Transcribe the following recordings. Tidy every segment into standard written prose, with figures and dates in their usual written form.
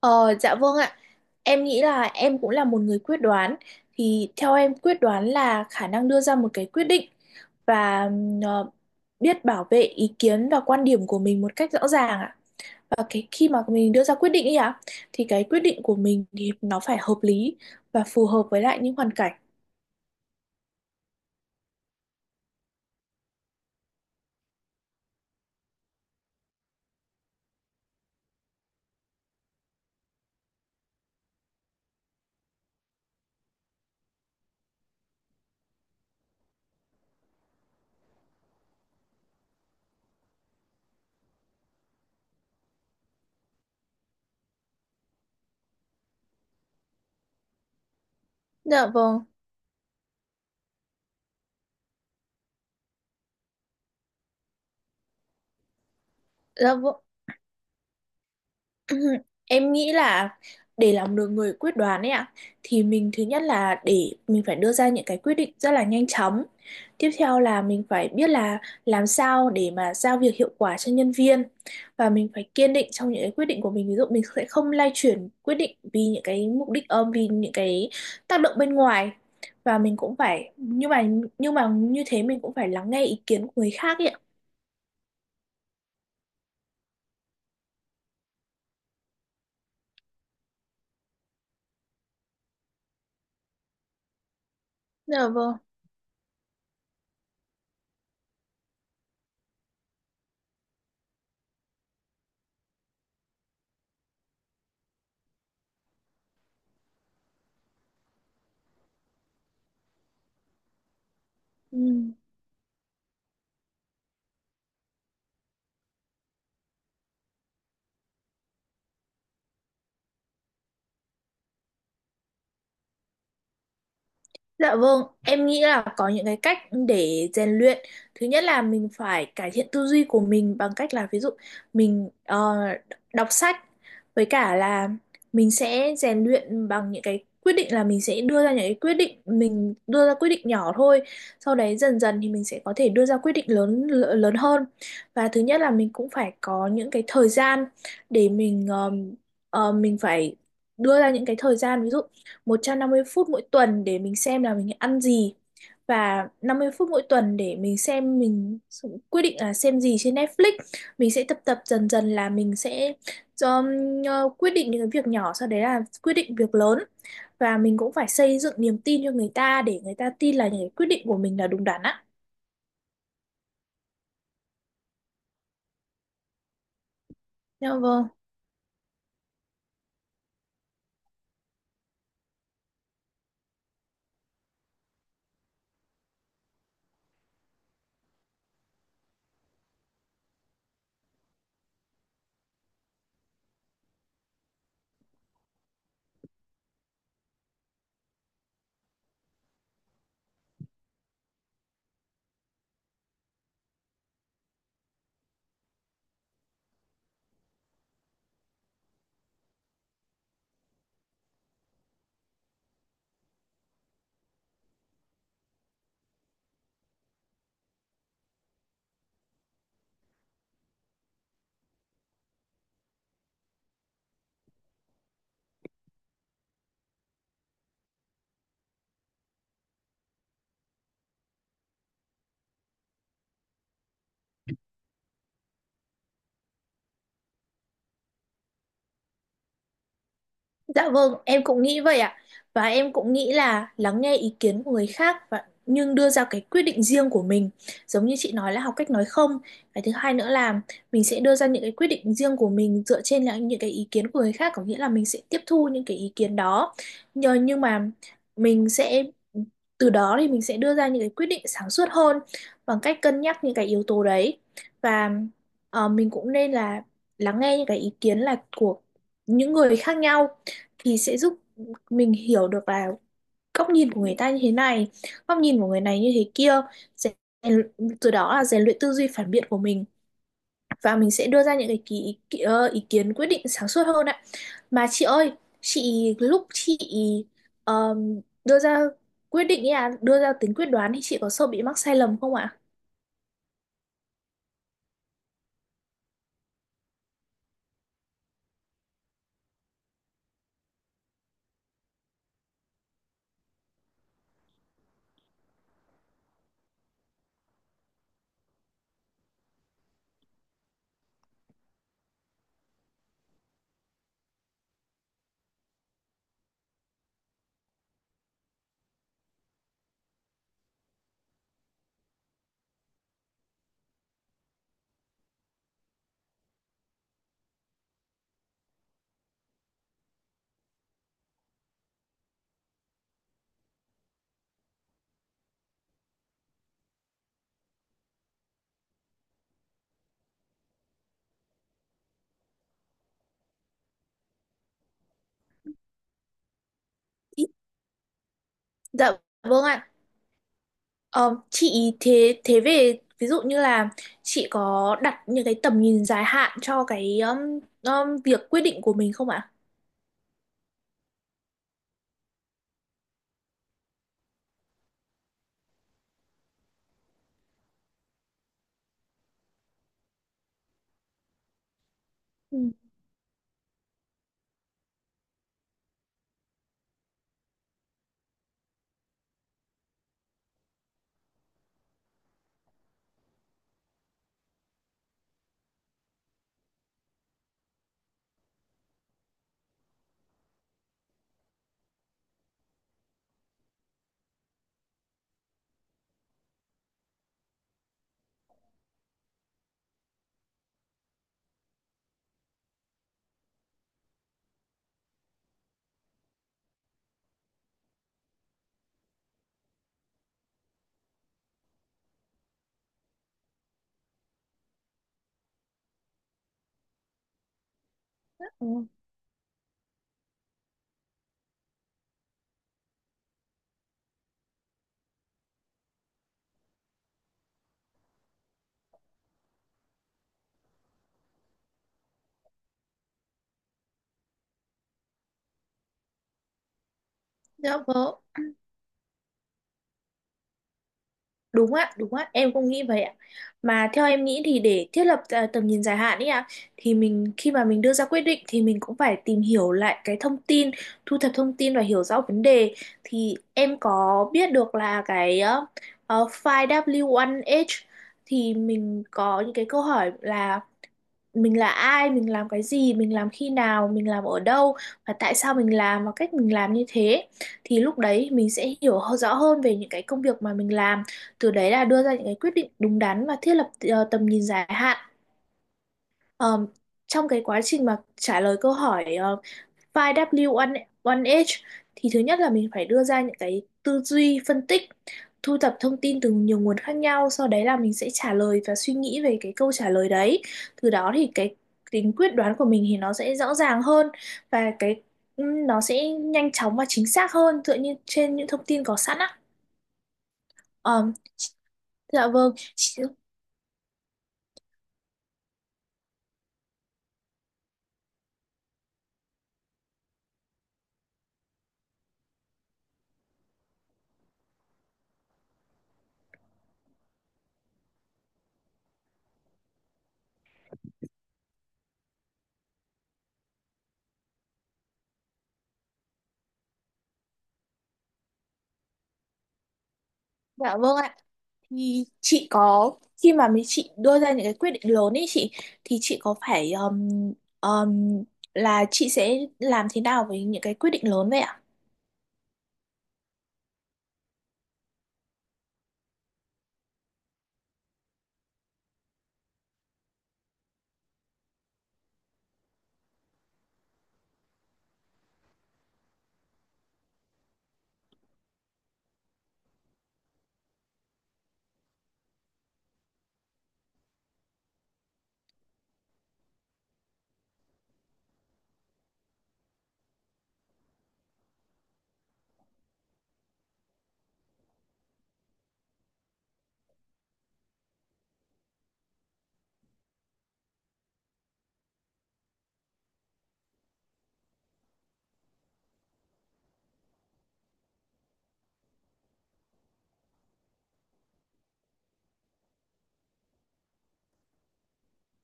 Ờ, dạ vâng ạ. Em nghĩ là em cũng là một người quyết đoán. Thì theo em quyết đoán là khả năng đưa ra một cái quyết định và biết bảo vệ ý kiến và quan điểm của mình một cách rõ ràng ạ. Và cái khi mà mình đưa ra quyết định ấy ạ, thì cái quyết định của mình thì nó phải hợp lý và phù hợp với lại những hoàn cảnh. Dạ vâng. Dạ vâng. Em nghĩ là để làm được người quyết đoán ấy ạ, thì mình thứ nhất là để mình phải đưa ra những cái quyết định rất là nhanh chóng. Tiếp theo là mình phải biết là làm sao để mà giao việc hiệu quả cho nhân viên, và mình phải kiên định trong những cái quyết định của mình. Ví dụ mình sẽ không lay chuyển quyết định vì những cái mục đích ôm, vì những cái tác động bên ngoài, và mình cũng phải nhưng mà như thế, mình cũng phải lắng nghe ý kiến của người khác ấy ạ. Dạ vâng. Ừ. Dạ vâng, em nghĩ là có những cái cách để rèn luyện. Thứ nhất là mình phải cải thiện tư duy của mình bằng cách là, ví dụ mình đọc sách, với cả là mình sẽ rèn luyện bằng những cái quyết định, là mình sẽ đưa ra những cái quyết định, mình đưa ra quyết định nhỏ thôi. Sau đấy dần dần thì mình sẽ có thể đưa ra quyết định lớn lớn hơn. Và thứ nhất là mình cũng phải có những cái thời gian để mình mình phải đưa ra những cái thời gian, ví dụ 150 phút mỗi tuần để mình xem là mình ăn gì, và 50 phút mỗi tuần để mình xem mình quyết định là xem gì trên Netflix. Mình sẽ tập tập dần dần là mình sẽ um, quyết định những cái việc nhỏ, sau đấy là quyết định việc lớn, và mình cũng phải xây dựng niềm tin cho người ta để người ta tin là những cái quyết định của mình là đúng đắn á. Dạ vâng. Dạ vâng, em cũng nghĩ vậy ạ. Và em cũng nghĩ là lắng nghe ý kiến của người khác và nhưng đưa ra cái quyết định riêng của mình. Giống như chị nói là học cách nói không. Cái thứ hai nữa là mình sẽ đưa ra những cái quyết định riêng của mình dựa trên là những cái ý kiến của người khác, có nghĩa là mình sẽ tiếp thu những cái ý kiến đó. Nhờ nhưng mà mình sẽ, từ đó thì mình sẽ đưa ra những cái quyết định sáng suốt hơn bằng cách cân nhắc những cái yếu tố đấy. Và mình cũng nên là lắng nghe những cái ý kiến là của những người khác nhau, thì sẽ giúp mình hiểu được là góc nhìn của người ta như thế này, góc nhìn của người này như thế kia, rèn, từ đó là rèn luyện tư duy phản biện của mình, và mình sẽ đưa ra những cái ý kiến quyết định sáng suốt hơn ạ. Mà chị ơi, chị lúc chị đưa ra quyết định ý à, đưa ra tính quyết đoán, thì chị có sợ bị mắc sai lầm không ạ? Dạ vâng ạ. Ờ, chị thế thế về ví dụ như là, chị có đặt những cái tầm nhìn dài hạn cho cái việc quyết định của mình không ạ? Ừ. Ừ. Dạ vâng. Đúng ạ, em cũng nghĩ vậy ạ. Mà theo em nghĩ thì để thiết lập à, tầm nhìn dài hạn ấy ạ, thì mình khi mà mình đưa ra quyết định thì mình cũng phải tìm hiểu lại cái thông tin, thu thập thông tin và hiểu rõ vấn đề. Thì em có biết được là cái 5W1H, thì mình có những cái câu hỏi là: mình là ai, mình làm cái gì, mình làm khi nào, mình làm ở đâu, và tại sao mình làm, và cách mình làm như thế, thì lúc đấy mình sẽ hiểu rõ hơn về những cái công việc mà mình làm, từ đấy là đưa ra những cái quyết định đúng đắn và thiết lập tầm nhìn dài hạn. Ờ, Trong cái quá trình mà trả lời câu hỏi 5W1H, thì thứ nhất là mình phải đưa ra những cái tư duy phân tích, thu thập thông tin từ nhiều nguồn khác nhau, sau đấy là mình sẽ trả lời và suy nghĩ về cái câu trả lời đấy. Từ đó thì cái tính quyết đoán của mình thì nó sẽ rõ ràng hơn, và cái nó sẽ nhanh chóng và chính xác hơn dựa như trên những thông tin có sẵn á. Ờ, dạ vâng. Dạ vâng ạ. Thì chị có, khi mà mấy chị đưa ra những cái quyết định lớn ấy chị, thì chị có phải um, là chị sẽ làm thế nào với những cái quyết định lớn vậy ạ?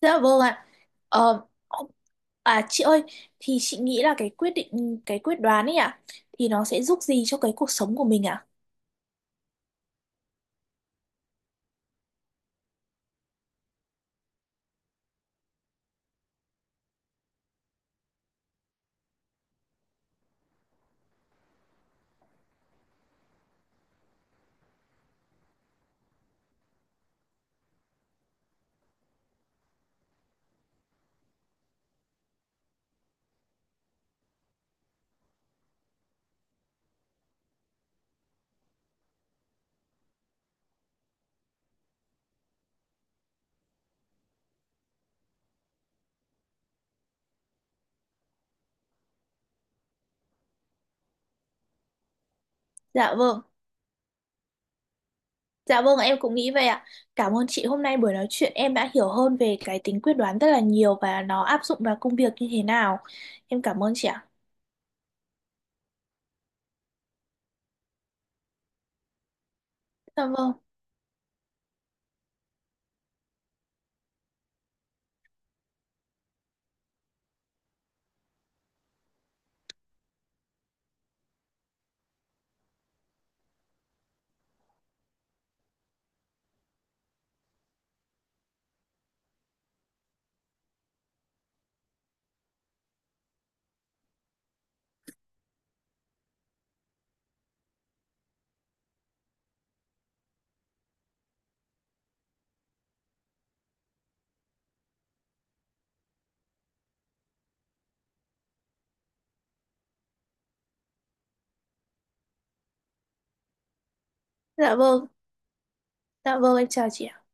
Dạ vâng ạ. Ờ, À chị ơi, thì chị nghĩ là cái quyết định, cái quyết đoán ấy ạ, thì nó sẽ giúp gì cho cái cuộc sống của mình ạ? Dạ vâng. Dạ vâng, em cũng nghĩ vậy ạ. Cảm ơn chị, hôm nay buổi nói chuyện em đã hiểu hơn về cái tính quyết đoán rất là nhiều và nó áp dụng vào công việc như thế nào. Em cảm ơn chị ạ. Dạ vâng. Dạ vâng. Dạ vâng, em chào chị ạ.